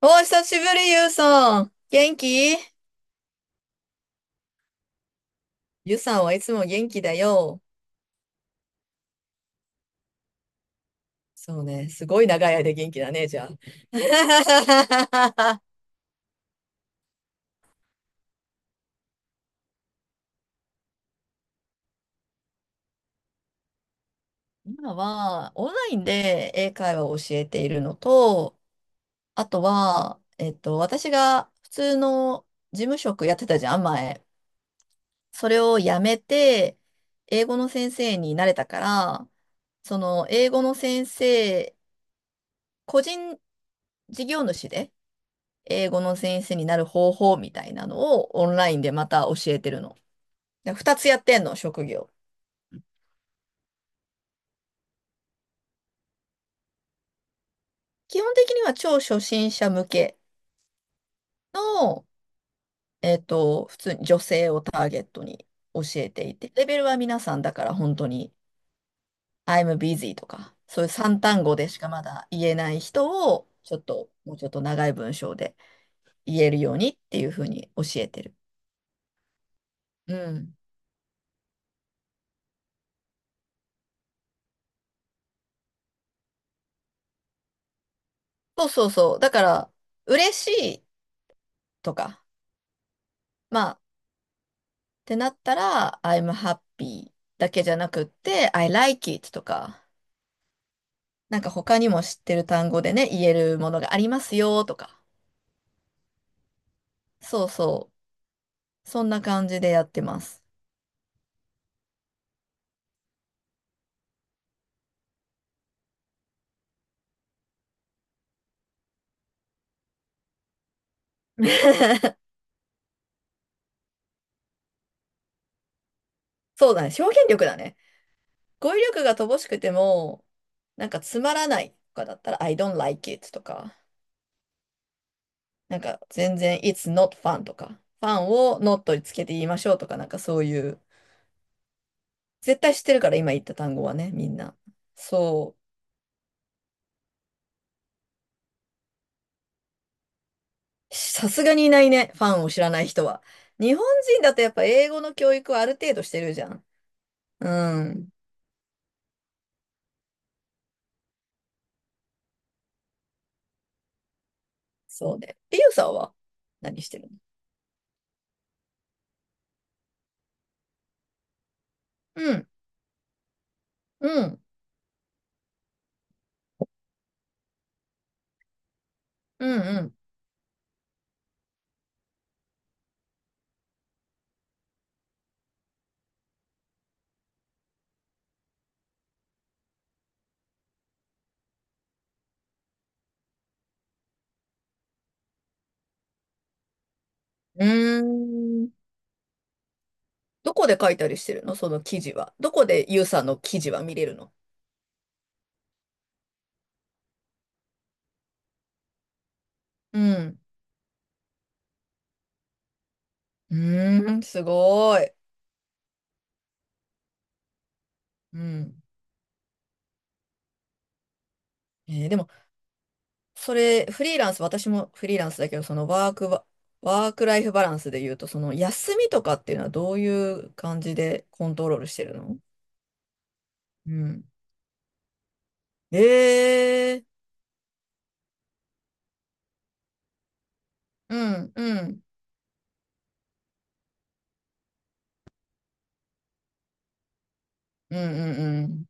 お、久しぶり、ゆうさん。元気？ゆうさんはいつも元気だよ。そうね、すごい長い間元気だね、じゃあ。今は、オンラインで英会話を教えているのと、あとは、私が普通の事務職やってたじゃん、前。それを辞めて、英語の先生になれたから、その、英語の先生、個人事業主で、英語の先生になる方法みたいなのをオンラインでまた教えてるの。で二つやってんの、職業。基本的には超初心者向けの、普通に女性をターゲットに教えていて、レベルは皆さんだから本当に I'm busy とか、そういう三単語でしかまだ言えない人を、ちょっと、もうちょっと長い文章で言えるようにっていうふうに教えてる。うん。そうそうそう。だから、嬉しいとか、まあ、ってなったら、I'm happy だけじゃなくって、I like it とか、なんか他にも知ってる単語でね、言えるものがありますよとか。そうそう。そんな感じでやってます。そうだね。表現力だね。語彙力が乏しくても、なんかつまらないとかだったら、I don't like it とか、なんか全然 It's not fun とか、ファンを not につけて言いましょうとか、なんかそういう、絶対知ってるから今言った単語はね、みんな。そう。さすがにいないね。ファンを知らない人は。日本人だとやっぱ英語の教育はある程度してるじゃん。うん。そうね。リュウさんは何してるの？うん。うん。うん。うん。うーん。どこで書いたりしてるの？その記事は。どこでユウさんの記事は見れるの？うん。うーん。すごい。うん。でもそれ、フリーランス、私もフリーランスだけど、ワークライフバランスで言うと、その休みとかっていうのはどういう感じでコントロールしてるの？うん。ええ。うん、うん、うん、うん、うん。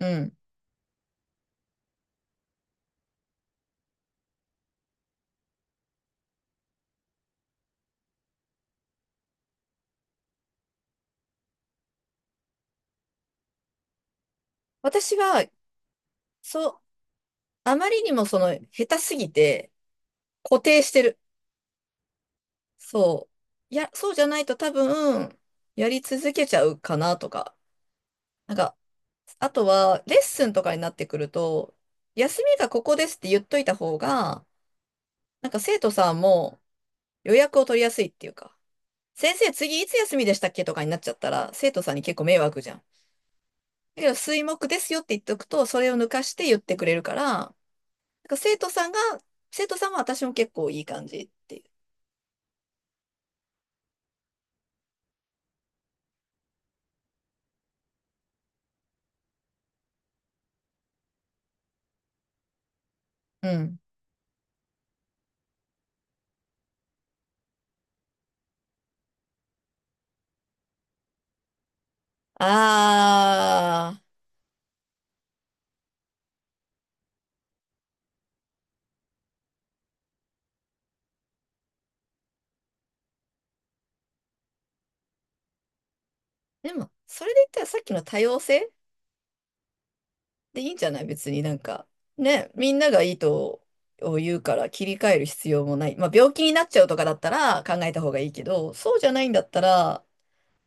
うん。私は、そう、あまりにも下手すぎて、固定してる。そう。いや、そうじゃないと多分、やり続けちゃうかなとか。なんか、あとは、レッスンとかになってくると、休みがここですって言っといた方が、なんか生徒さんも予約を取りやすいっていうか、先生次いつ休みでしたっけとかになっちゃったら、生徒さんに結構迷惑じゃん。だけど、水木ですよって言っておくと、それを抜かして言ってくれるから、なんか生徒さんは私も結構いい感じっていう。うん。あー。でも、それで言ったらさっきの多様性でいいんじゃない別になんか。ね、みんながいいとを言うから切り替える必要もない。まあ、病気になっちゃうとかだったら考えた方がいいけど、そうじゃないんだったら、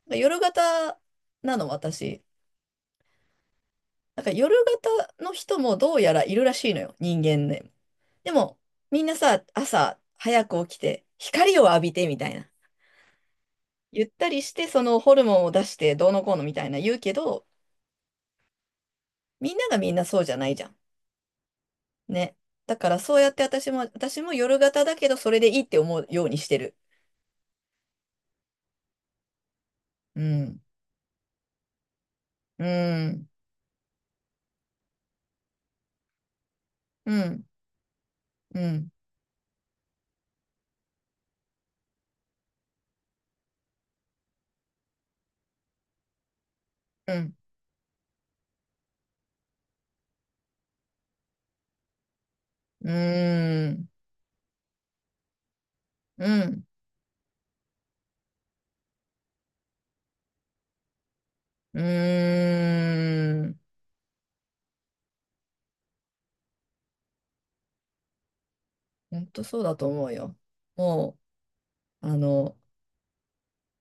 なんか夜型なの、私。なんか夜型の人もどうやらいるらしいのよ、人間でも。でも、みんなさ、朝早く起きて、光を浴びてみたいな。ゆったりして、そのホルモンを出してどうのこうのみたいな言うけど、みんながみんなそうじゃないじゃん。ね。だからそうやって私も夜型だけど、それでいいって思うようにしてる。うん。うん。うん。うん。うん。うん。うん。うん。本当そうだと思うよ。もう、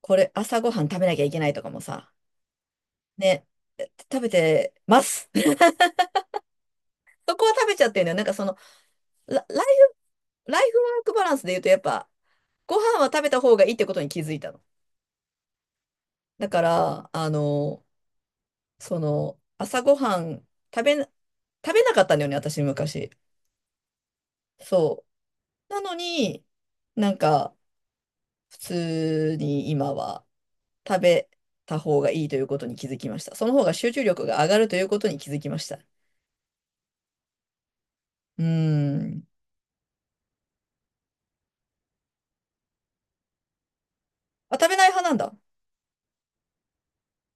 これ朝ごはん食べなきゃいけないとかもさ、ね、食べてます。そこは食べちゃってるのよ。なんかその、ラ、ライライフワークバランスで言うとやっぱ、ご飯は食べた方がいいってことに気づいたの。だから、朝ごはん食べな、食べなかったんだよね、私昔。そう。なのに、なんか、普通に今は食べた方がいいということに気づきました。その方が集中力が上がるということに気づきました。うーん。あ、食べない派なんだ。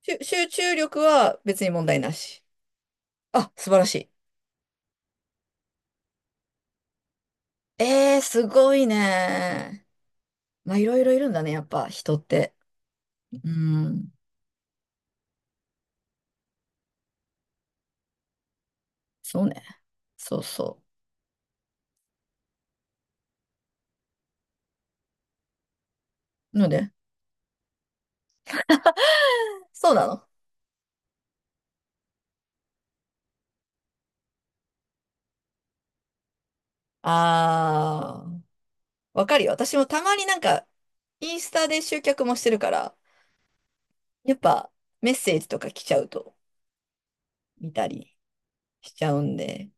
集中力は別に問題なし。あ、素晴らしい。すごいね。まあ、いろいろいるんだね、やっぱ、人って。うーん。そうね。そうそう。ので、そうなの？あー、わかるよ。私もたまになんか、インスタで集客もしてるから、やっぱ、メッセージとか来ちゃうと、見たりしちゃうんで。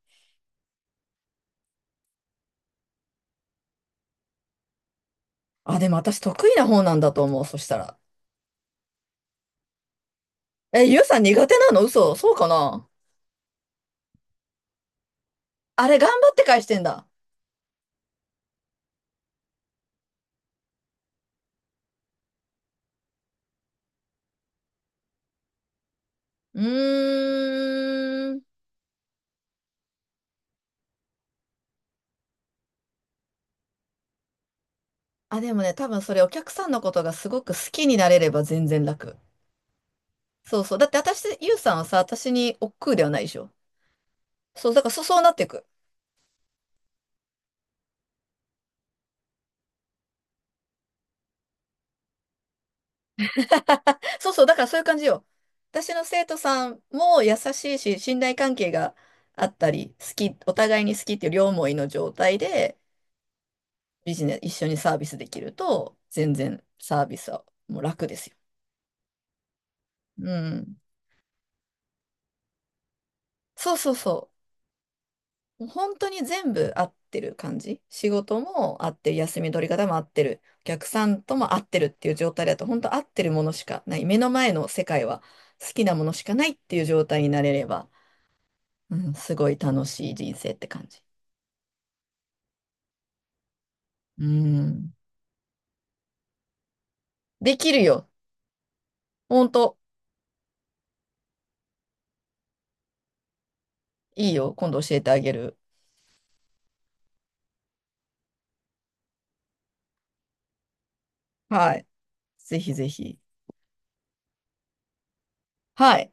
あ、でも私得意な方なんだと思う、そしたら。え、ゆうさん苦手なの？嘘？そうかな？あれ、頑張って返してんだ。うーん。あ、でもね、多分それお客さんのことがすごく好きになれれば全然楽。そうそう。だって私、ゆうさんはさ、私に億劫ではないでしょ。そう、だからそうなっていく。そうそう、だからそういう感じよ。私の生徒さんも優しいし、信頼関係があったり、お互いに好きっていう両思いの状態で、ビジネス、一緒にサービスできると、全然サービスはもう楽ですよ。うん。そうそうそう。もう本当に全部合ってる感じ。仕事も合ってる、休み取り方も合ってる、お客さんとも合ってるっていう状態だと、本当合ってるものしかない。目の前の世界は好きなものしかないっていう状態になれれば、うん、すごい楽しい人生って感じ。うん。できるよ。本当いいよ。今度教えてあげる。はい。ぜひぜひ。はい。